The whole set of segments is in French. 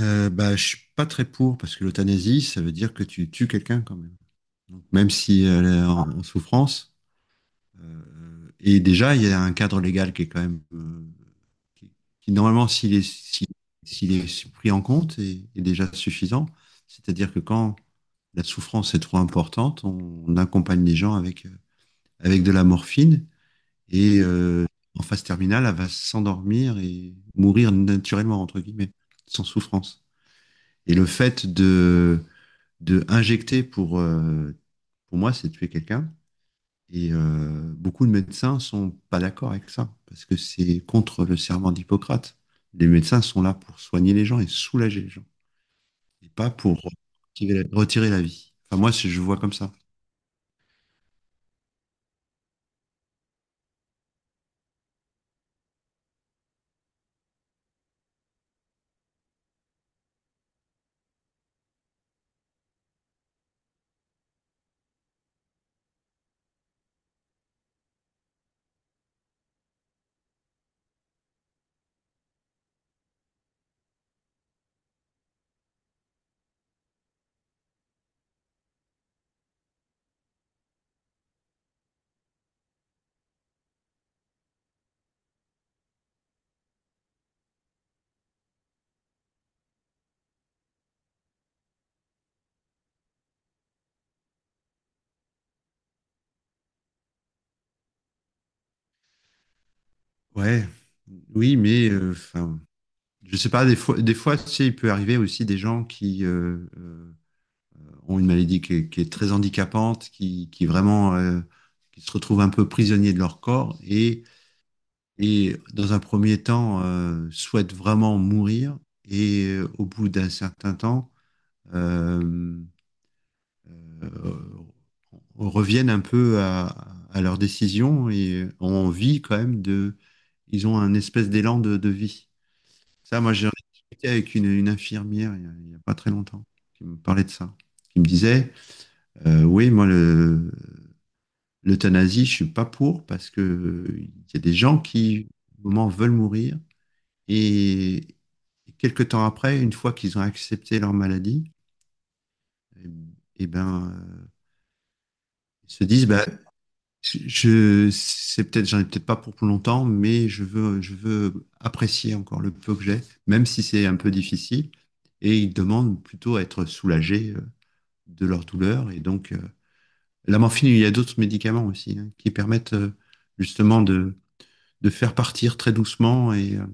Je suis pas très pour parce que l'euthanasie, ça veut dire que tu tues quelqu'un quand même. Donc, même si elle est en souffrance, et déjà il y a un cadre légal qui est quand même qui, qui, normalement s'il est pris en compte est déjà suffisant. C'est-à-dire que quand la souffrance est trop importante, on accompagne les gens avec avec de la morphine et euh, en phase terminale, elle va s'endormir et mourir naturellement entre guillemets, sans souffrance. Et le fait de injecter pour moi, c'est tuer quelqu'un. Beaucoup de médecins sont pas d'accord avec ça, parce que c'est contre le serment d'Hippocrate. Les médecins sont là pour soigner les gens et soulager les gens, et pas pour retirer la vie. Enfin, moi, je vois comme ça. Ouais, oui, mais enfin, je sais pas, des fois, tu sais, il peut arriver aussi des gens qui ont une maladie qui est très handicapante, qui vraiment, qui se retrouvent un peu prisonniers de leur corps et dans un premier temps souhaitent vraiment mourir au bout d'un certain temps euh, euh, reviennent un peu à leur décision et ont envie quand même de... Ils ont un espèce d'élan de vie. Ça, moi, j'ai discuté avec une infirmière il y a pas très longtemps qui me parlait de ça, qui me disait, oui, moi, l'euthanasie, je suis pas pour parce que il y a des gens qui, au moment, veulent mourir. Et quelques temps après, une fois qu'ils ont accepté leur maladie, et ben, ils se disent, bah, c'est peut-être, j'en ai peut-être pas pour plus longtemps, mais je veux apprécier encore le peu que j'ai, même si c'est un peu difficile. Et ils demandent plutôt à être soulagés de leur douleur. Et donc, la morphine, il y a d'autres médicaments aussi hein, qui permettent justement de faire partir très doucement et, euh,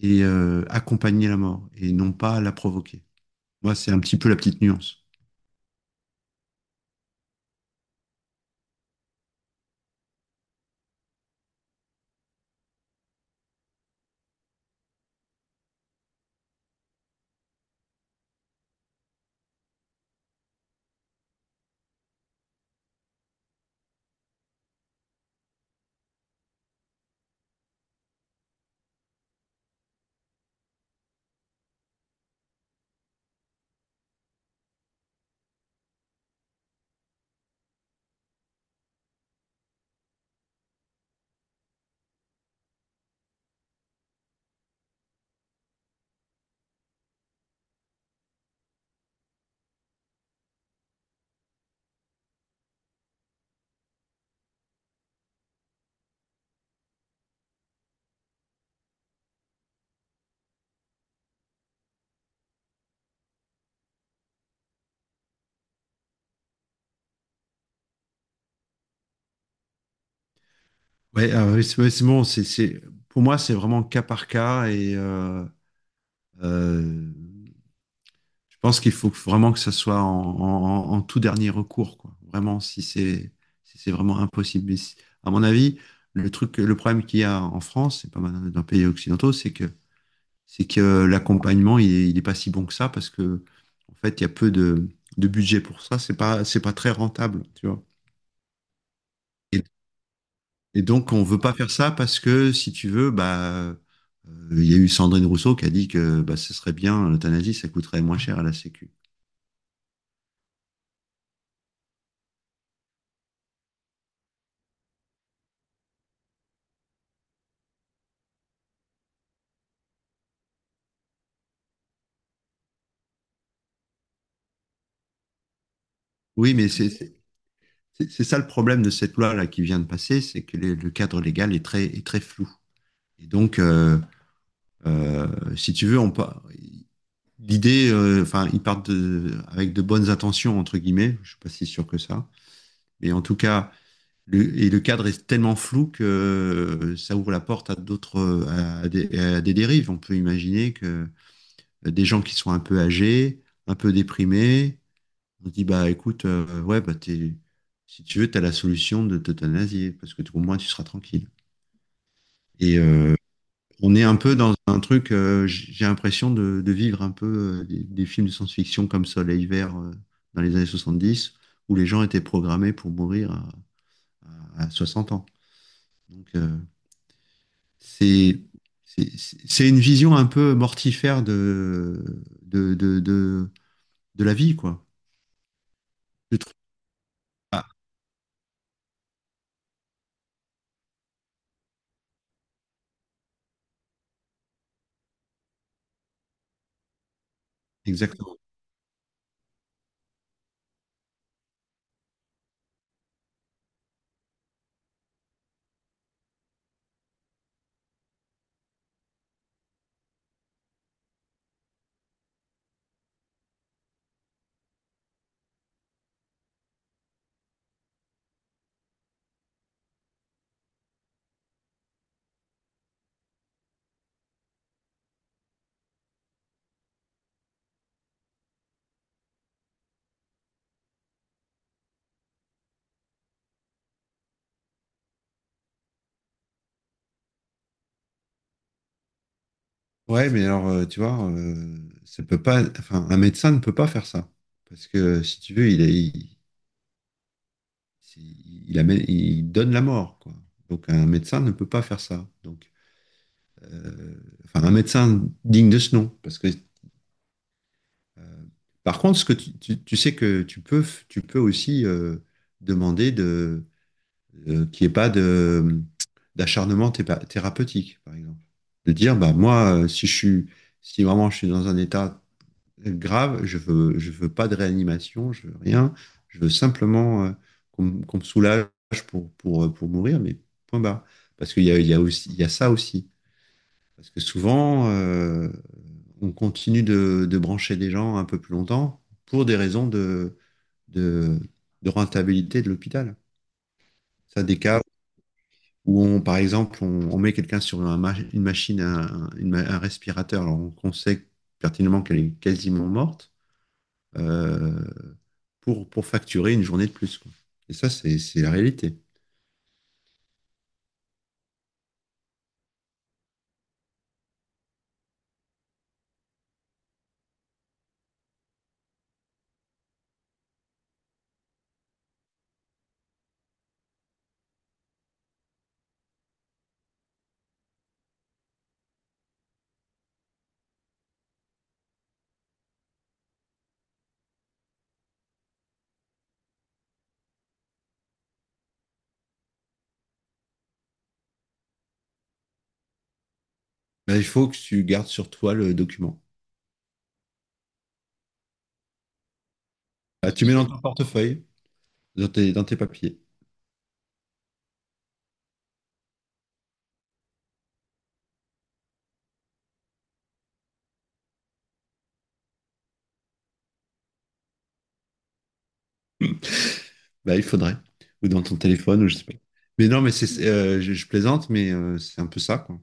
et euh, accompagner la mort et non pas la provoquer. Moi, c'est un petit peu la petite nuance. Ouais, ah ouais, c'est bon. Pour moi, c'est vraiment cas par cas euh, je pense qu'il faut vraiment que ça soit en tout dernier recours, quoi. Vraiment, si c'est vraiment impossible. À mon avis, le problème qu'il y a en France, c'est pas mal dans les pays occidentaux, c'est que l'accompagnement, il est pas si bon que ça parce que en fait, il y a peu de budget pour ça. C'est pas très rentable, tu vois. Et Et donc, on veut pas faire ça parce que, si tu veux, il y a eu Sandrine Rousseau qui a dit que bah, ce serait bien, l'euthanasie, ça coûterait moins cher à la Sécu. Oui, c'est ça le problème de cette loi-là qui vient de passer, c'est que le cadre légal est est très flou. Et donc, euh, si tu veux, l'idée, enfin, ils partent avec de bonnes intentions, entre guillemets, je suis pas si sûr que ça, mais en tout cas, et le cadre est tellement flou que ça ouvre la porte à d'autres, à à des dérives. On peut imaginer que des gens qui sont un peu âgés, un peu déprimés, on dit, bah écoute, ouais, si tu veux, t'as la solution de t'euthanasier, parce que au moins tu seras tranquille. Et euh, on est un peu dans un truc, j'ai l'impression de vivre un peu des films de science-fiction comme Soleil Vert dans les années 70, où les gens étaient programmés pour mourir à 60 ans. Donc, c'est c'est- c'est- une vision un peu mortifère de, de, de, de la vie, quoi. Je trouve. Ah, exactement. Ouais, mais alors, tu vois, ça peut pas, enfin, un médecin ne peut pas faire ça. Parce que, si tu veux, il, est- il, c'est- il amène- il donne la mort, quoi. Donc, un médecin ne peut pas faire ça. Donc, euh, enfin, un médecin digne de ce nom. Parce que, euh, par contre, ce que tu sais que tu peux aussi demander de qu'il n'y ait pas d'acharnement thérapeutique, par exemple. De dire, bah, moi, si vraiment je suis dans un état grave, je veux pas de réanimation, je veux rien, je veux simplement qu'on me soulage pour mourir, mais point barre. Parce qu'il y a aussi, il y a ça aussi. Parce que souvent, on continue de brancher des gens un peu plus longtemps pour des raisons de, de rentabilité de l'hôpital. Ça, des cas où on, par exemple, on met quelqu'un sur une machine, un respirateur, qu'on sait pertinemment qu'elle est quasiment morte, euh, pour facturer une journée de plus, quoi. Et ça, c'est la réalité. Mais il faut que tu gardes sur toi le document. Bah, tu mets dans ton portefeuille, dans dans tes papiers. Bah, il faudrait. Ou dans ton téléphone, ou je sais pas. Mais non, mais je plaisante, mais c'est un peu ça, quoi.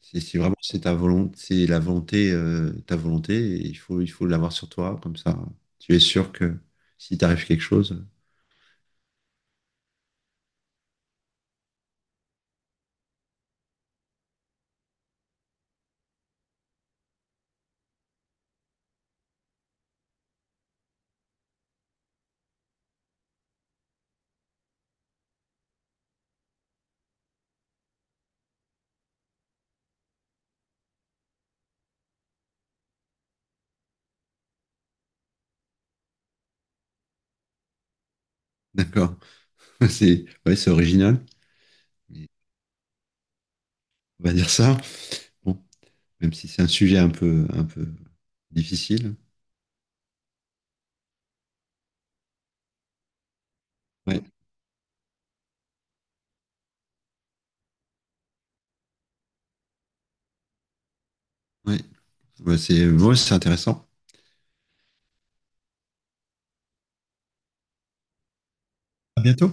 Si vraiment c'est ta volonté, ta volonté, il faut l'avoir sur toi, comme ça, tu es sûr que si t'arrive quelque chose, d'accord, ouais, c'est original, mais on va dire ça, bon, même si c'est un sujet un peu difficile. Ouais, ouais, Ouais, ouais, c'est intéressant. À bientôt.